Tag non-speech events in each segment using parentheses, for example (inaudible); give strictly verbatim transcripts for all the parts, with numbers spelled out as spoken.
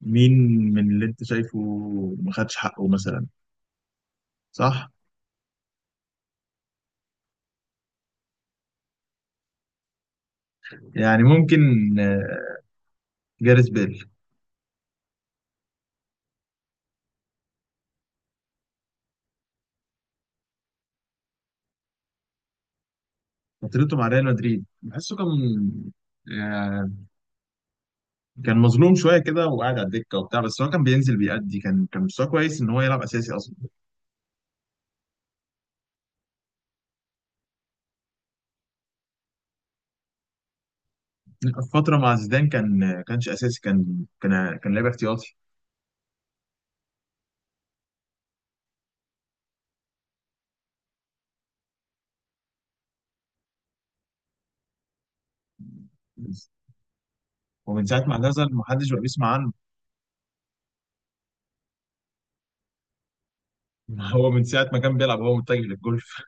مين من اللي انت شايفه ما خدش حقه مثلا؟ صح. يعني ممكن، آه، جاريث بيل. فترته مع ريال مدريد بحسه كان آه، كان مظلوم شويه كده وقاعد على الدكه وبتاع، بس هو كان بينزل بيأدي، كان كان مستواه كويس ان هو يلعب اساسي اصلا. فتره مع زيدان كان آه، كانش اساسي، كان كان كان لاعب احتياطي. ومن ساعه ما اعتزل ما حدش بقى بيسمع عنه. (laughs) هو من ساعه ما كان بيلعب هو متجه للجولف.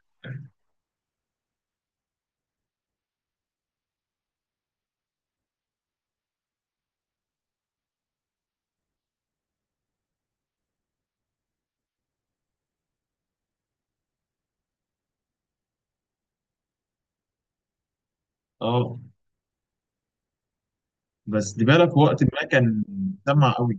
اه، بس ديبالا في وقت ما كان سمع قوي.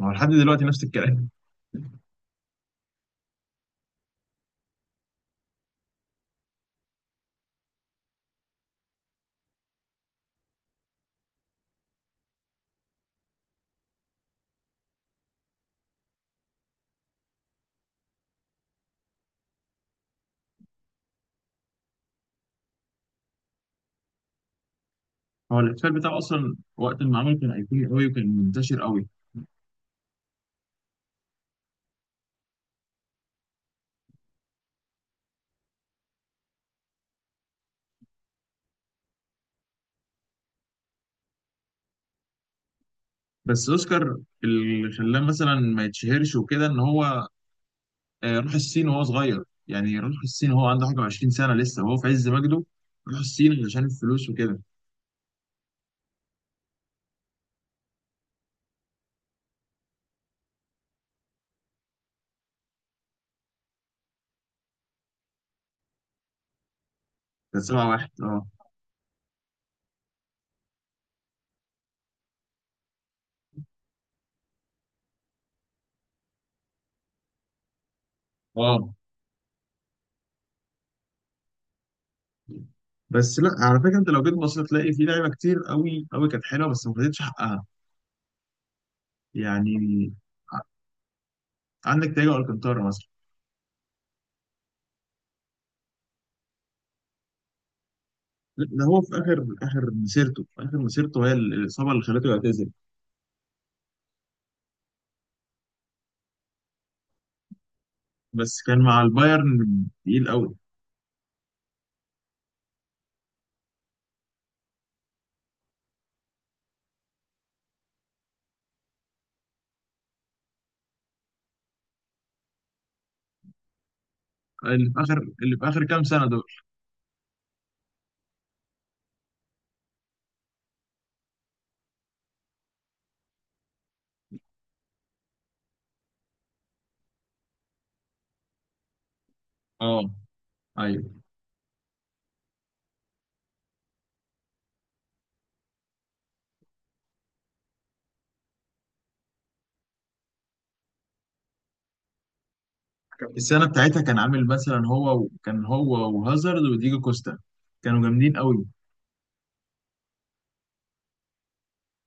هو لحد دلوقتي نفس الكلام. هو الاحتفال بتاعه اصلا وقت ما عمله كان ايقوني قوي وكان منتشر قوي. بس اوسكار، اللي خلاه مثلا ما يتشهرش وكده ان هو، آه، راح الصين وهو صغير. يعني راح الصين وهو عنده حاجه 20 سنه لسه وهو في عز مجده، راح الصين عشان الفلوس وكده. كان سبعة واحد، اه. اه، بس لا على فكره، انت لو جيت بصيت تلاقي في لعيبه كتير قوي قوي كانت حلوه بس ما خدتش حقها. يعني ع- عندك تياجو الكانتارا مثلا. لا، ده هو في اخر اخر مسيرته، في اخر مسيرته هي ال- الاصابه اللي خلته يعتزل. بس كان مع البايرن تقيل قوي. اللي في اخر اللي في اخر كام سنه دول. اه، ايوه. السنه بتاعتها كان عامل مثلا، هو كان هو وهازارد وديجو كوستا كانوا جامدين قوي.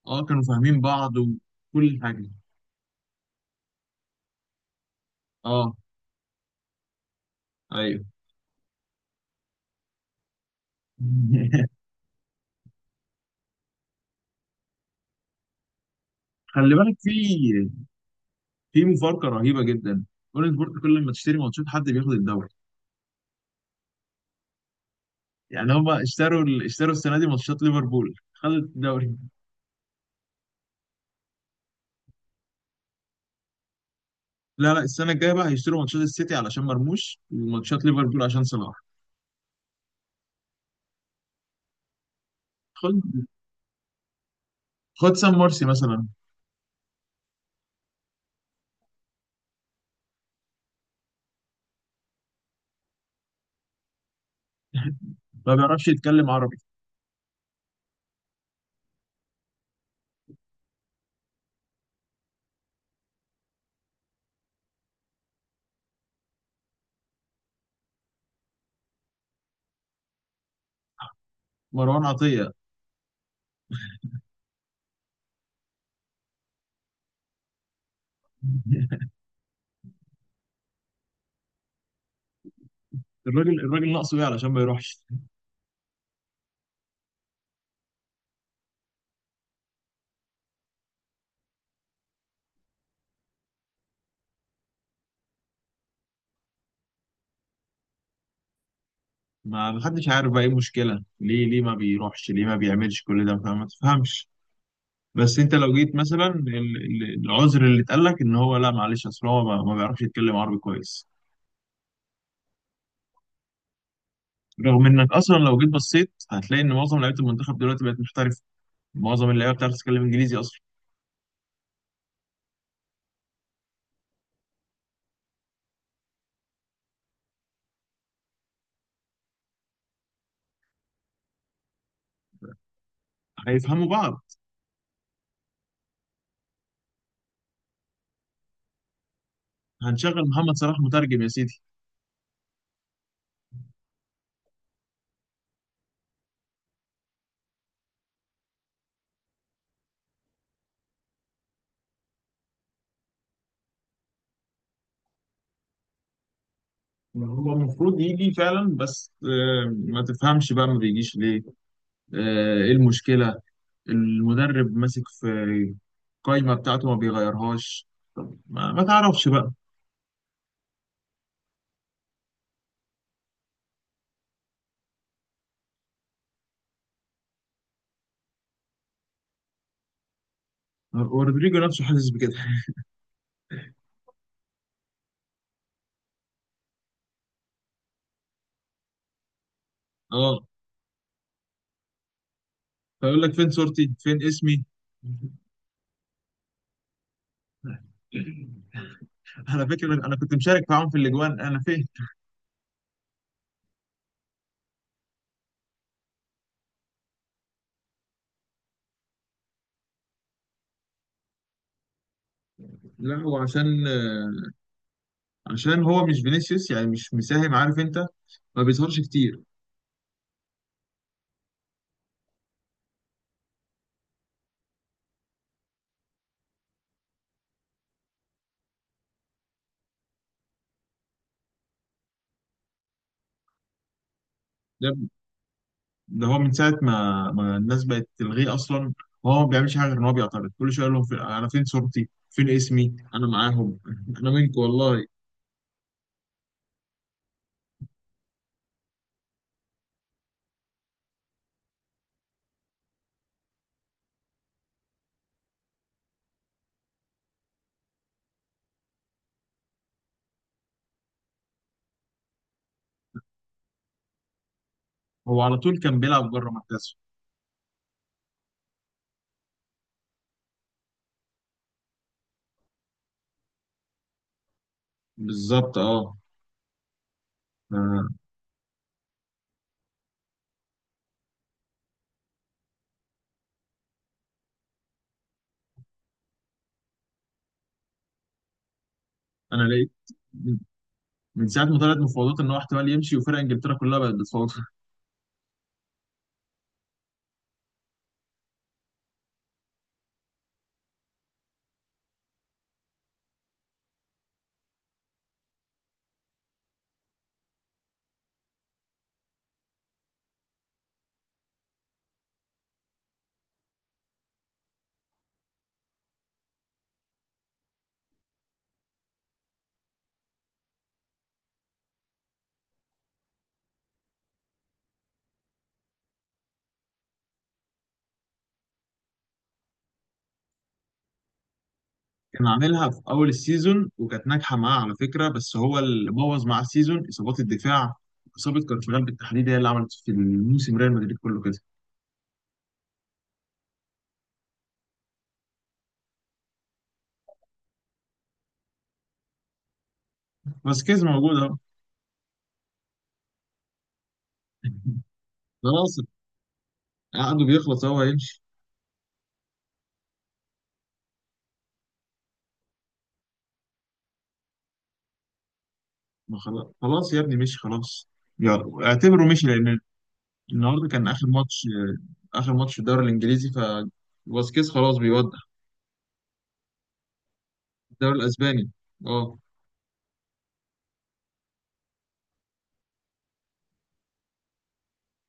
اه، كانوا فاهمين بعض وكل حاجه. اه، ايوه. (laughs) خلي بالك، في في مفارقه رهيبه جدا. اون سبورت كل ما تشتري ماتشات حد بياخد الدوري. يعني هما اشتروا ال- اشتروا السنه دي ماتشات ليفربول خدت الدوري. لا لا، السنه الجايه بقى هيشتروا ماتشات السيتي علشان مرموش وماتشات ليفربول عشان صلاح. خد سام مرسي مثلا. ما بيعرفش يتكلم عربي. مروان عطية. الراجل الراجل ناقصه ايه علشان ما يروحش؟ ما محدش عارف بقى ايه المشكلة، ليه ليه ما بيروحش ليه ما بيعملش كل ده، فما تفهمش. بس انت لو جيت مثلا، ال- ال- العذر اللي اتقال لك ان هو، لا معلش اصل هو ما ما بيعرفش يتكلم عربي كويس. رغم انك اصلا لو جيت بصيت هتلاقي ان معظم لعيبه المنتخب دلوقتي بقت محترفه، معظم اللعيبه بتعرف تتكلم انجليزي اصلا. هيفهموا بعض. هنشغل محمد صلاح مترجم يا سيدي. يعني هو المفروض يجي فعلا، بس آه، ما تفهمش بقى ما بيجيش ليه، آه، ايه المشكلة. المدرب ماسك في القايمة بتاعته ما بيغيرهاش. ما, ما تعرفش بقى. رودريجو نفسه حاسس بكده. اه، فيقول لك فين صورتي فين اسمي. (laughs) على فكرة انا كنت مشارك معاهم في الاجوان، انا فين؟ لا، هو عشان آه، عشان هو مش فينيسيوس، يعني مش مساهم، عارف انت، ما بيظهرش كتير. ده هو من ساعة ما ما الناس بقت تلغيه أصلا. هو ما بيعملش حاجة غير إن هو بيعترض كل شوية يقول لهم فين- أنا فين صورتي؟ فين اسمي؟ أنا معاهم. (laughs) أنا منكم والله. هو على طول كان بيلعب بره مركزه. بالظبط أه. آه، أنا لقيت من من ساعة ما طلعت مفاوضات إن هو احتمال يمشي، وفرق إنجلترا كلها بقت بتفاوض. (laughs) كان عاملها في أول السيزون وكانت ناجحة معاه على فكرة، بس هو اللي بوظ معاه السيزون إصابات الدفاع، إصابة كارفاغال بالتحديد هي اللي عملت في الموسم ريال مدريد كله كده. بس كيز موجود أهو. (laughs) خلاص، عقده بيخلص هو يمشي. ما خلاص خلاص يا ابني، مشي خلاص، يلا اعتبره مشي لان النهارده كان اخر ماتش. آه، اخر ماتش في الدوري الانجليزي، ف فاسكيز خلاص بيودع الدوري الاسباني. اه.